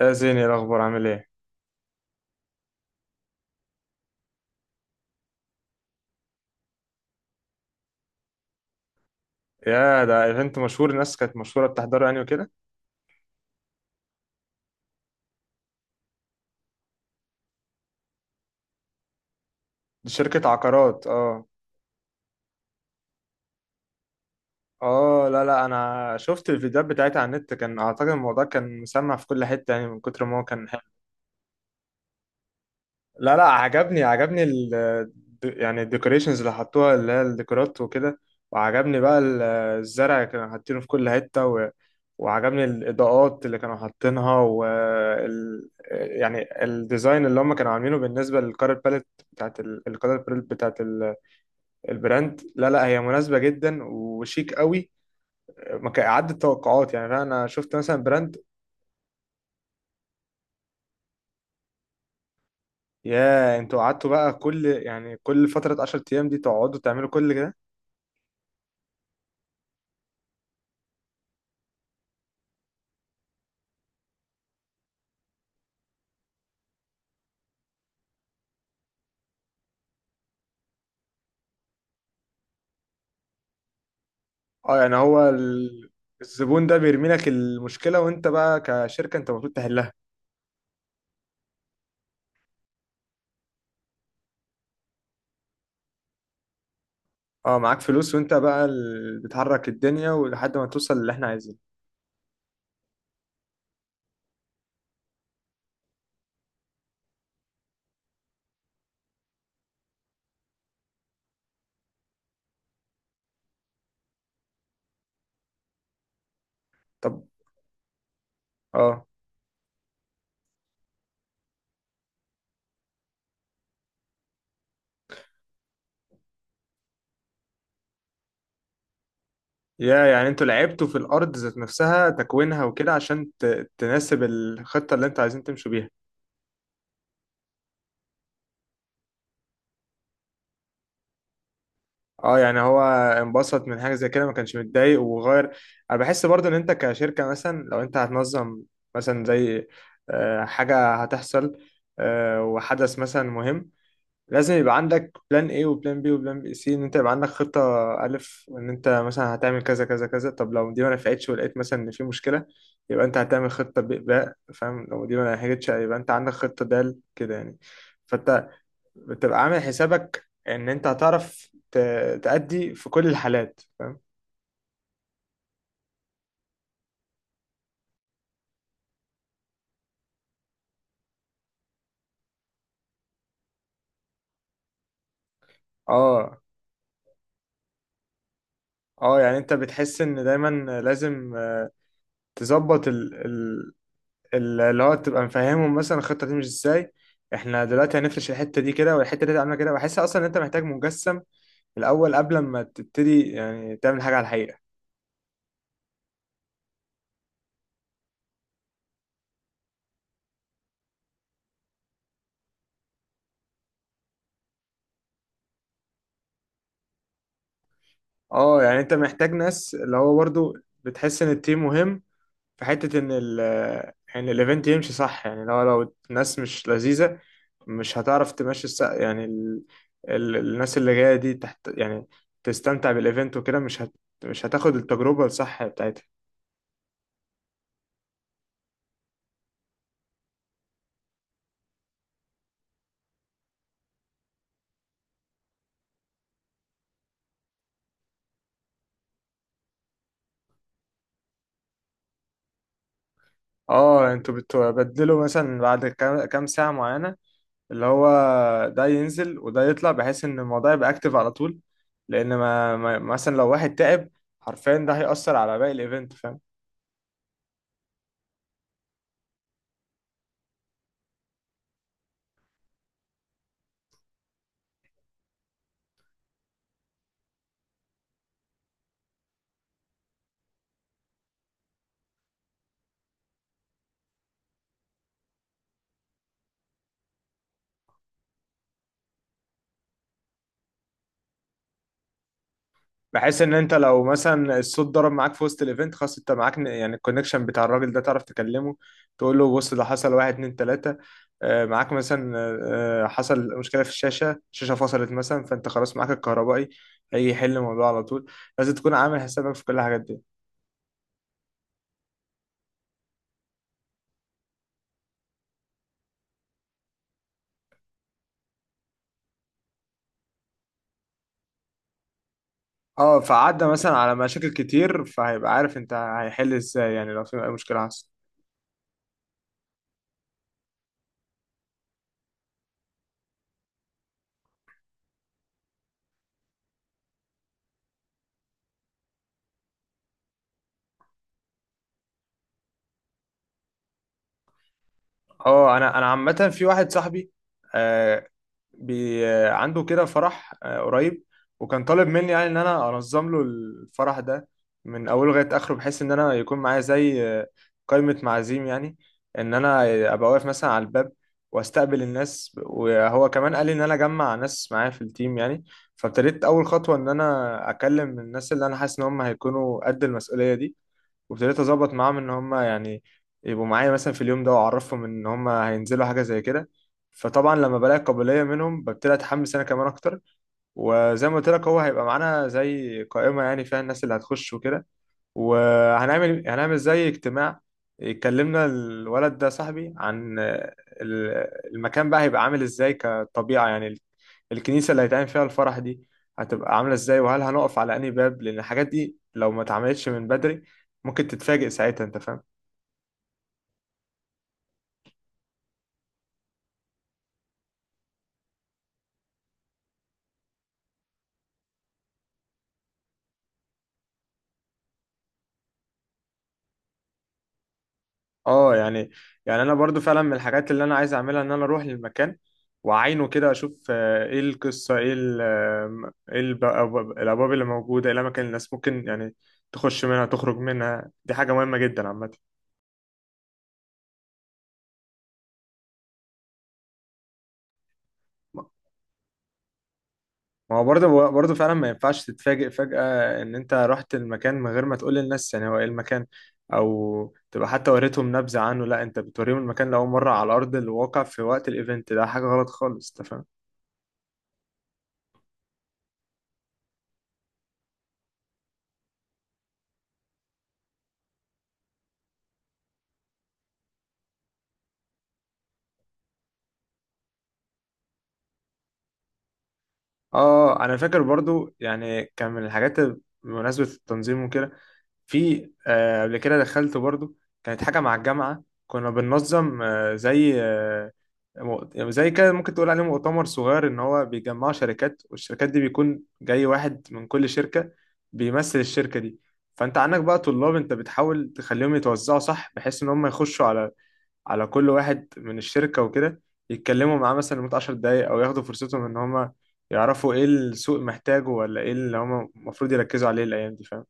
يا زيني، إيه الاخبار؟ عامل ايه؟ يا، ده ايفنت مشهور، الناس كانت مشهوره بتحضره يعني وكده. دي شركه عقارات، اه. اه، لا لا، انا شفت الفيديوهات بتاعتها على النت، كان اعتقد الموضوع كان مسمع في كل حته يعني من كتر ما هو كان. لا لا، عجبني عجبني يعني الديكوريشنز اللي حطوها اللي هي الديكورات وكده. وعجبني بقى الزرع اللي كانوا حاطينه في كل حتة. وعجبني الإضاءات اللي كانوا حاطينها و يعني الديزاين اللي هم كانوا عاملينه بالنسبة للكارت باليت بتاعت الكارت باليت بتاعت البراند. لا لا، هي مناسبة جدا وشيك قوي. ما كان عدت التوقعات، يعني انا شفت مثلا براند. يا، انتوا قعدتوا بقى كل كل فترة 10 ايام دي تقعدوا تعملوا كل كده؟ اه، يعني هو الزبون ده بيرمي لك المشكلة، وانت بقى كشركة انت المفروض تحلها. اه، معاك فلوس، وانت بقى اللي بتحرك الدنيا ولحد ما توصل للي احنا عايزينه. طب. اه. يا، يعني انتوا لعبتوا في الارض ذات نفسها تكوينها وكده عشان تناسب الخطة اللي انتوا عايزين تمشوا بيها. اه، يعني هو انبسط من حاجة زي كده، ما كانش متضايق وغير. انا بحس برضو ان انت كشركة مثلا لو انت هتنظم مثلا زي حاجة هتحصل، وحدث مثلا مهم. لازم يبقى عندك بلان ايه وبلان بي وبلان بي سي، ان انت يبقى عندك خطة الف ان انت مثلا هتعمل كذا كذا كذا. طب لو دي ما نفعتش ولقيت مثلا ان في مشكلة، يبقى انت هتعمل خطة ب باء، فاهم؟ لو دي ما نجحتش يبقى انت عندك خطة دال كده يعني. فانت بتبقى عامل حسابك ان انت هتعرف تأدي في كل الحالات، فاهم؟ اه. اه، يعني انت بتحس ان دايما لازم تظبط اللي هو تبقى مفهمهم مثلا الخطه تمشي ازاي. احنا دلوقتي هنفرش الحته دي كده والحته دي هتعملها كده. بحس اصلا ان انت محتاج مجسم الاول قبل ما تبتدي يعني تعمل حاجه على الحقيقه. اه، يعني انت محتاج ناس اللي هو برضو بتحس ان التيم مهم في حته ان يعني الايفنت يمشي صح، يعني لو الناس مش لذيذه. مش هتعرف تمشي يعني الناس اللي جايه دي تحت يعني تستمتع بالايفنت وكده، مش هتاخد التجربه الصح بتاعتها. اه، انتوا بتبدلوا مثلا بعد كام ساعة معينة؟ اللي هو ده ينزل وده يطلع بحيث ان الموضوع يبقى اكتف على طول. لان ما مثلا لو واحد تعب، حرفيا ده هيأثر على باقي الايفنت، فاهم؟ بحيث ان انت لو مثلا الصوت ضرب معاك في وسط الايفنت، خلاص انت معاك يعني الكونكشن بتاع الراجل ده، تعرف تكلمه تقول له بص، ده حصل واحد اتنين تلاتة. معاك مثلا حصل مشكلة في الشاشة فصلت مثلا، فانت خلاص معاك الكهربائي هيجي يحل الموضوع على طول. لازم تكون عامل حسابك في كل الحاجات دي. اه، فعدى مثلا على مشاكل كتير فهيبقى عارف انت هيحل ازاي يعني لو في اي مشكله حصلت. اه، انا عامه في واحد صاحبي آه، بي عنده كده فرح قريب. وكان طالب مني يعني ان انا انظم له الفرح ده من اوله لغايه اخره، بحيث ان انا يكون معايا زي قائمه معازيم يعني. ان انا ابقى واقف مثلا على الباب واستقبل الناس، وهو كمان قال لي ان انا اجمع ناس معايا في التيم يعني. فابتديت اول خطوه ان انا اكلم الناس اللي انا حاسس ان هم هيكونوا قد المسؤوليه دي. وابتديت اظبط معاهم ان هم يعني يبقوا معايا مثلا في اليوم ده، واعرفهم ان هم هينزلوا حاجه زي كده. فطبعا لما بلاقي قابليه منهم ببتدي اتحمس انا كمان اكتر. وزي ما قلت لك هو هيبقى معانا زي قائمه يعني فيها الناس اللي هتخش وكده، وهنعمل زي اجتماع. اتكلمنا الولد ده صاحبي عن المكان بقى هيبقى عامل ازاي كطبيعة، يعني الكنيسة اللي هيتعمل فيها الفرح دي هتبقى عاملة ازاي. وهل هنقف على انهي باب؟ لان الحاجات دي لو ما اتعملتش من بدري ممكن تتفاجئ ساعتها، انت فاهم؟ اه، يعني انا برضو فعلا من الحاجات اللي انا عايز اعملها ان انا اروح للمكان. واعاينه كده، اشوف ايه القصه، ايه ايه الابواب اللي موجوده، ايه الاماكن اللي الناس ممكن يعني تخش منها تخرج منها. دي حاجه مهمه جدا عامه. ما هو برضه برضه فعلا ما ينفعش تتفاجئ فجأة إن أنت رحت المكان من غير ما تقول للناس يعني هو إيه المكان. أو تبقى حتى وريتهم نبذة عنه؟ لا، أنت بتوريهم المكان لأول مرة على أرض الواقع في وقت الإيفنت ده، حاجة غلط خالص، تفهم؟ اه، انا فاكر برضو يعني كان من الحاجات بمناسبة التنظيم وكده. في قبل كده دخلت برضو كانت حاجة مع الجامعة، كنا بننظم زي زي كده ممكن تقول عليه مؤتمر صغير، ان هو بيجمع شركات والشركات دي بيكون جاي واحد من كل شركة بيمثل الشركة دي. فانت عندك بقى طلاب، انت بتحاول تخليهم يتوزعوا صح بحيث ان هم يخشوا على كل واحد من الشركة وكده. يتكلموا معاه مثلا لمدة 10 دقايق، أو ياخدوا فرصتهم إن هما يعرفوا إيه السوق محتاجه ولا إيه اللي هما المفروض يركزوا عليه الأيام دي، فاهم؟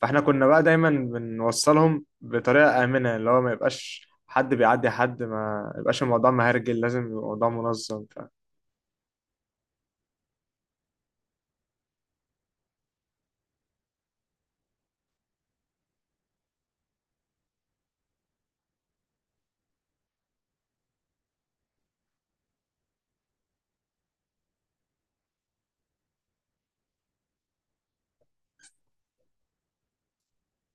فإحنا كنا بقى دايما بنوصلهم بطريقة آمنة، اللي هو ما يبقاش حد بيعدي حد، ما يبقاش الموضوع مهرجل، لازم يبقى الموضوع منظم، فاهم؟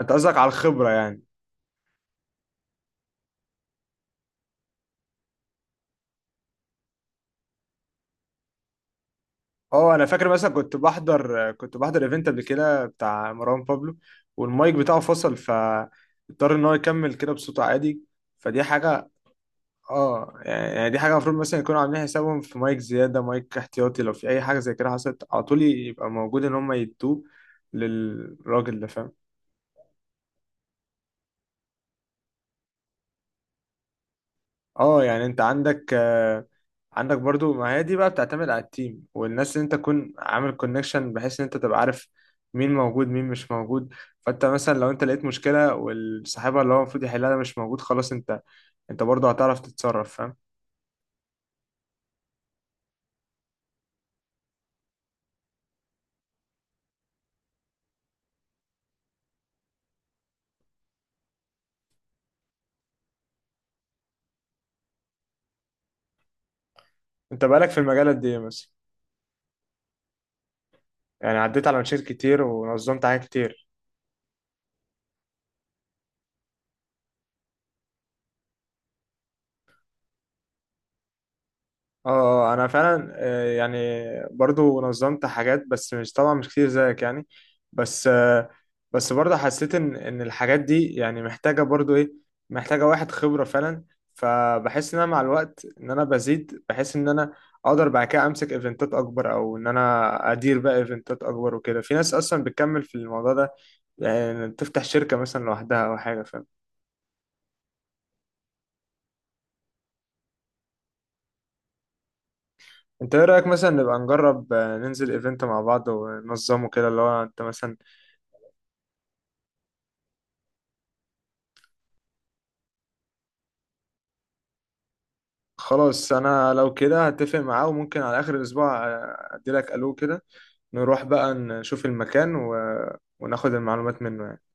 انت قصدك على الخبرة يعني؟ اه، انا فاكر مثلا كنت بحضر ايفنت قبل كده بتاع مروان بابلو، والمايك بتاعه فصل فاضطر ان هو يكمل كده بصوته عادي. فدي حاجة. اه، يعني دي حاجه المفروض مثلا يكونوا عاملين حسابهم في مايك زياده، مايك احتياطي، لو في اي حاجه زي كده حصلت على طول يبقى موجود ان هم يدوه للراجل ده، فاهم؟ اه، يعني انت عندك آه عندك برضو، ما هي دي بقى بتعتمد على التيم والناس اللي انت تكون عامل كونكشن، بحيث ان انت تبقى عارف مين موجود مين مش موجود. فانت مثلا لو انت لقيت مشكله والصاحبها اللي هو المفروض يحلها ده مش موجود، خلاص انت برضو هتعرف تتصرف، فاهم؟ انت بقالك في المجال قد ايه مثلا؟ يعني عديت على مشاكل كتير ونظمت حاجات كتير. اه، انا فعلا يعني برضو نظمت حاجات، بس مش طبعا مش كتير زيك يعني، بس آه، بس برضو حسيت ان الحاجات دي يعني محتاجة برضو ايه، محتاجة واحد خبرة فعلا. فبحس ان انا مع الوقت ان انا بزيد، بحس ان انا اقدر بعد كده امسك ايفنتات اكبر او ان انا ادير بقى ايفنتات اكبر وكده. في ناس اصلا بتكمل في الموضوع ده يعني تفتح شركة مثلا لوحدها او حاجة، فاهم؟ انت ايه رأيك مثلا نبقى نجرب، ننزل ايفنت مع بعض وننظمه كده اللي هو انت مثلا. خلاص انا لو كده هتفق معاه، وممكن على اخر الاسبوع ادي لك الو كده نروح بقى نشوف المكان وناخد المعلومات منه يعني.